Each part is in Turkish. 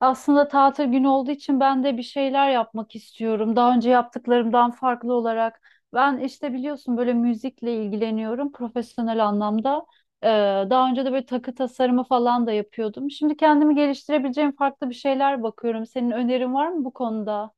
Aslında tatil günü olduğu için ben de bir şeyler yapmak istiyorum. Daha önce yaptıklarımdan farklı olarak. Ben işte biliyorsun böyle müzikle ilgileniyorum profesyonel anlamda. Ee, daha önce de böyle takı tasarımı falan da yapıyordum. Şimdi kendimi geliştirebileceğim farklı bir şeyler bakıyorum. Senin önerin var mı bu konuda?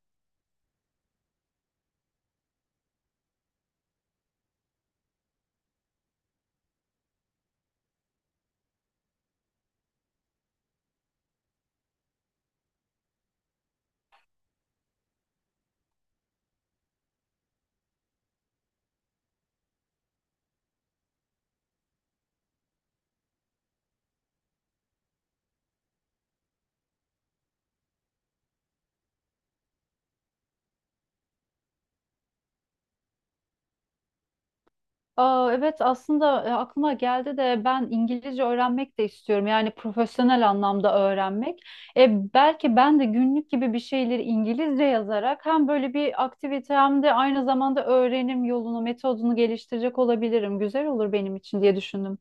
Aa, evet aslında aklıma geldi de ben İngilizce öğrenmek de istiyorum. Yani profesyonel anlamda öğrenmek. Belki ben de günlük gibi bir şeyleri İngilizce yazarak hem böyle bir aktivite hem de aynı zamanda öğrenim yolunu, metodunu geliştirecek olabilirim. Güzel olur benim için diye düşündüm.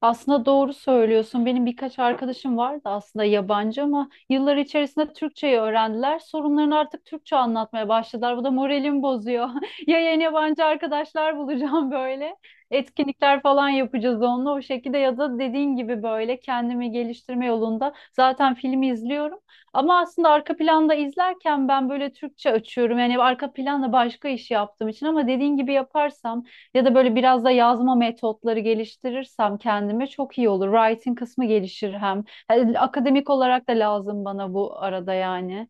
Aslında doğru söylüyorsun. Benim birkaç arkadaşım vardı aslında yabancı ama yıllar içerisinde Türkçeyi öğrendiler. Sorunlarını artık Türkçe anlatmaya başladılar. Bu da moralimi bozuyor. Ya yeni yabancı arkadaşlar bulacağım böyle. Etkinlikler falan yapacağız onunla o şekilde ya da dediğin gibi böyle kendimi geliştirme yolunda zaten filmi izliyorum. Ama aslında arka planda izlerken ben böyle Türkçe açıyorum. Yani arka planda başka iş yaptığım için ama dediğin gibi yaparsam ya da böyle biraz da yazma metotları geliştirirsem kendime çok iyi olur. Writing kısmı gelişir hem. Yani akademik olarak da lazım bana bu arada yani.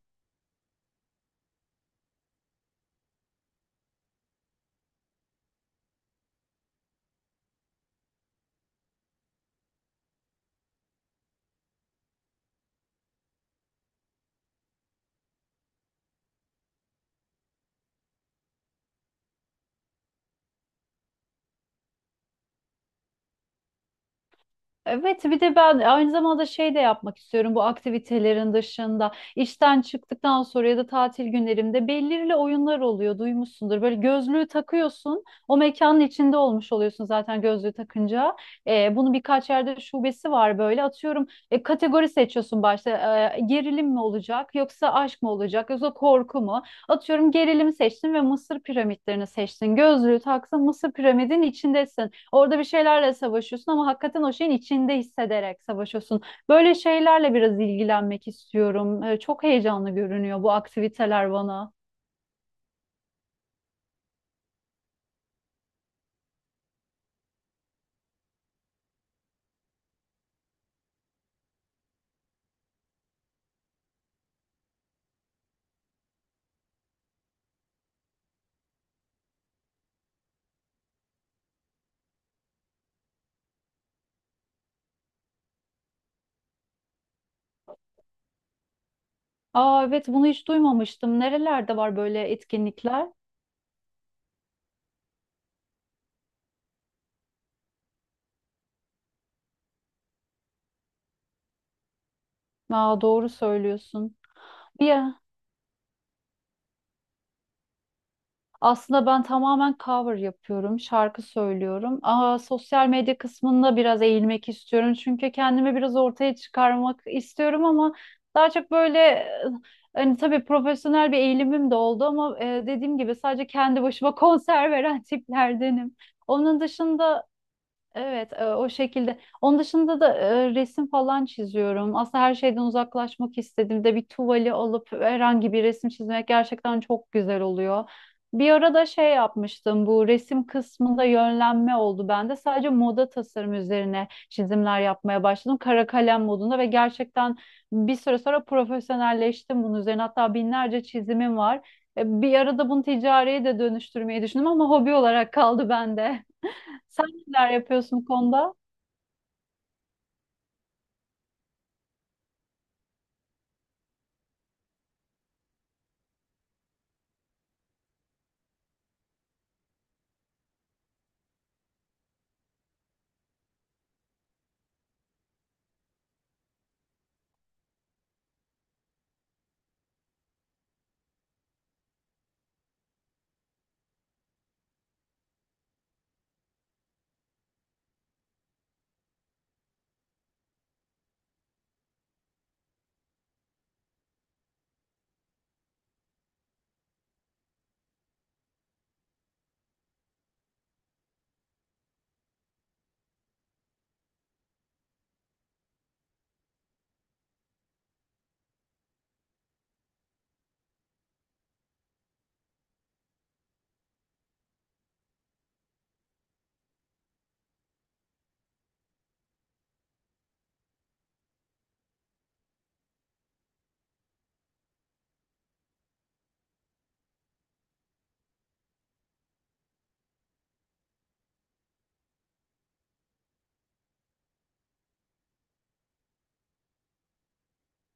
Evet, bir de ben aynı zamanda şey de yapmak istiyorum bu aktivitelerin dışında. İşten çıktıktan sonra ya da tatil günlerimde belirli oyunlar oluyor, duymuşsundur. Böyle gözlüğü takıyorsun, o mekanın içinde olmuş oluyorsun zaten gözlüğü takınca. Bunun birkaç yerde şubesi var böyle. Atıyorum kategori seçiyorsun başta. Gerilim mi olacak, yoksa aşk mı olacak, yoksa korku mu? Atıyorum gerilimi seçtin ve Mısır piramitlerini seçtin. Gözlüğü taksın, Mısır piramidin içindesin. Orada bir şeylerle savaşıyorsun ama hakikaten o şeyin içinde hissederek savaşıyorsun. Böyle şeylerle biraz ilgilenmek istiyorum. Çok heyecanlı görünüyor bu aktiviteler bana. Aa evet bunu hiç duymamıştım. Nerelerde var böyle etkinlikler? Aa doğru söylüyorsun. Bir Aslında ben tamamen cover yapıyorum, şarkı söylüyorum. Aa, sosyal medya kısmında biraz eğilmek istiyorum. Çünkü kendimi biraz ortaya çıkarmak istiyorum ama daha çok böyle hani tabii profesyonel bir eğilimim de oldu ama dediğim gibi sadece kendi başıma konser veren tiplerdenim. Onun dışında Evet, o şekilde. Onun dışında da resim falan çiziyorum. Aslında her şeyden uzaklaşmak istediğimde bir tuvali alıp herhangi bir resim çizmek gerçekten çok güzel oluyor. Bir ara da şey yapmıştım, bu resim kısmında yönlenme oldu bende. Sadece moda tasarım üzerine çizimler yapmaya başladım. Kara kalem modunda ve gerçekten bir süre sonra profesyonelleştim bunun üzerine. Hatta binlerce çizimim var. Bir arada bunu ticariye de dönüştürmeyi düşündüm ama hobi olarak kaldı bende. Sen neler yapıyorsun bu konuda?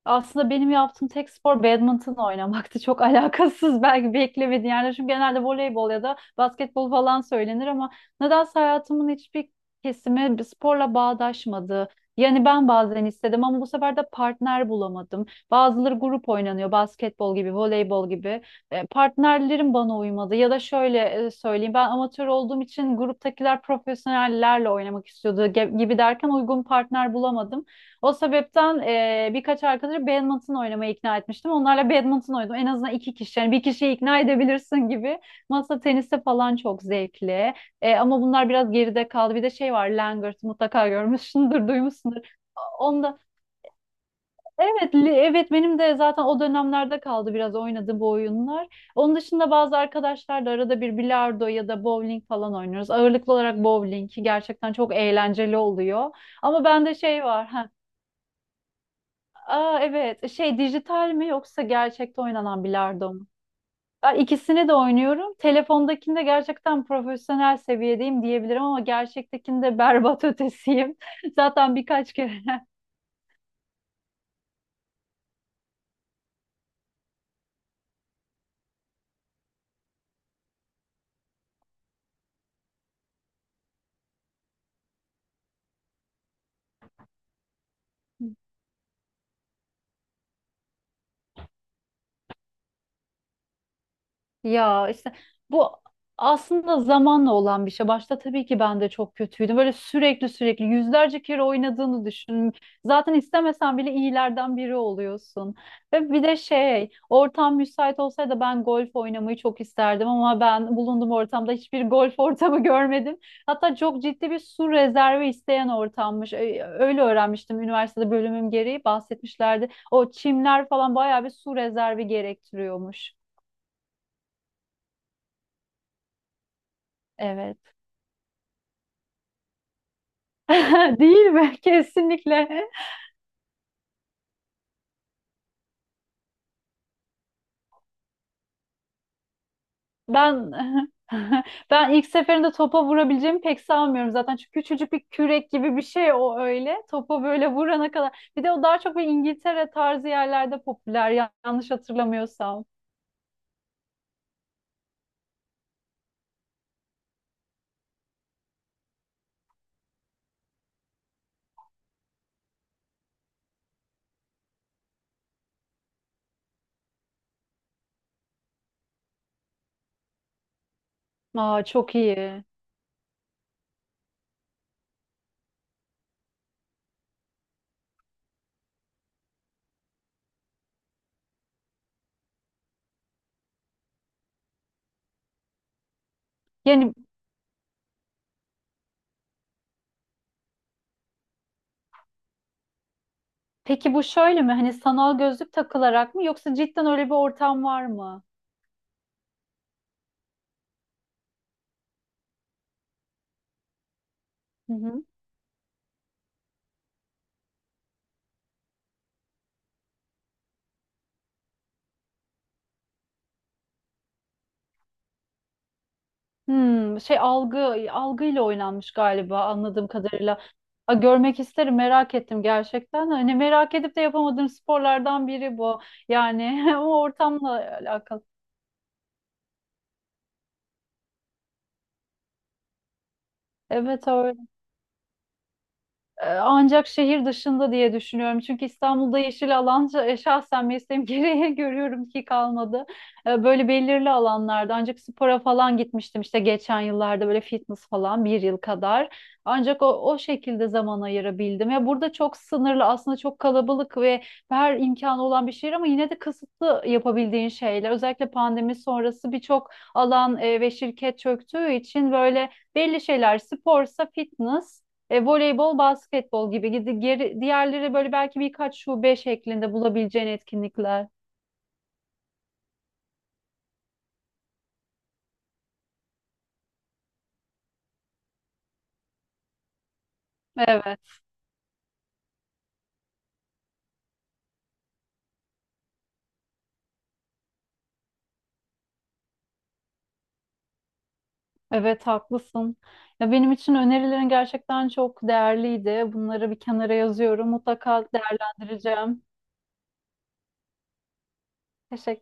Aslında benim yaptığım tek spor badminton oynamaktı. Çok alakasız belki beklemediğin yerler. Çünkü genelde voleybol ya da basketbol falan söylenir ama nedense hayatımın hiçbir kesimi bir sporla bağdaşmadı. Yani ben bazen istedim ama bu sefer de partner bulamadım. Bazıları grup oynanıyor, basketbol gibi, voleybol gibi. Partnerlerim bana uymadı. Ya da şöyle söyleyeyim, ben amatör olduğum için gruptakiler profesyonellerle oynamak istiyordu gibi derken uygun partner bulamadım. O sebepten birkaç arkadaşı badminton oynamaya ikna etmiştim. Onlarla badminton oynadım. En azından iki kişi. Yani bir kişiyi ikna edebilirsin gibi. Masa tenisi falan çok zevkli. Ama bunlar biraz geride kaldı. Bir de şey var, Langırt mutlaka görmüşsündür, duymuşsundur. Onda evet, evet benim de zaten o dönemlerde kaldı biraz oynadığım bu oyunlar. Onun dışında bazı arkadaşlarla arada bir bilardo ya da bowling falan oynuyoruz. Ağırlıklı olarak bowling gerçekten çok eğlenceli oluyor. Ama bende şey var. Aa evet. Şey dijital mi yoksa gerçekte oynanan bilardo mu? Ben ikisini de oynuyorum. Telefondakinde gerçekten profesyonel seviyedeyim diyebilirim ama gerçektekinde berbat ötesiyim. Zaten birkaç kere Ya işte bu aslında zamanla olan bir şey. Başta tabii ki ben de çok kötüydüm. Böyle sürekli yüzlerce kere oynadığını düşün. Zaten istemesen bile iyilerden biri oluyorsun. Ve bir de şey, ortam müsait olsaydı ben golf oynamayı çok isterdim ama ben bulunduğum ortamda hiçbir golf ortamı görmedim. Hatta çok ciddi bir su rezervi isteyen ortammış. Öyle öğrenmiştim üniversitede bölümüm gereği bahsetmişlerdi. O çimler falan bayağı bir su rezervi gerektiriyormuş. Evet. Değil mi? Kesinlikle. Ben Ben ilk seferinde topa vurabileceğimi pek sanmıyorum zaten. Çünkü küçücük bir kürek gibi bir şey o öyle. Topa böyle vurana kadar. Bir de o daha çok bir İngiltere tarzı yerlerde popüler yanlış hatırlamıyorsam. Aa çok iyi. Yani peki bu şöyle mi? Hani sanal gözlük takılarak mı yoksa cidden öyle bir ortam var mı? Hmm, şey algıyla oynanmış galiba anladığım kadarıyla. A, görmek isterim merak ettim gerçekten. Hani merak edip de yapamadığım sporlardan biri bu. Yani o ortamla alakalı. Evet öyle. Ancak şehir dışında diye düşünüyorum. Çünkü İstanbul'da yeşil alan şahsen mesleğim gereği görüyorum ki kalmadı. Böyle belirli alanlarda ancak spora falan gitmiştim işte geçen yıllarda böyle fitness falan bir yıl kadar. Ancak o, O şekilde zaman ayırabildim. Ya burada çok sınırlı aslında çok kalabalık ve her imkanı olan bir şehir ama yine de kısıtlı yapabildiğin şeyler. Özellikle pandemi sonrası birçok alan ve şirket çöktüğü için böyle belli şeyler sporsa fitness voleybol, basketbol gibi gidi geri, diğerleri böyle belki birkaç şube şeklinde bulabileceğin etkinlikler. Evet, evet haklısın. Ya benim için önerilerin gerçekten çok değerliydi. Bunları bir kenara yazıyorum. Mutlaka değerlendireceğim. Teşekkür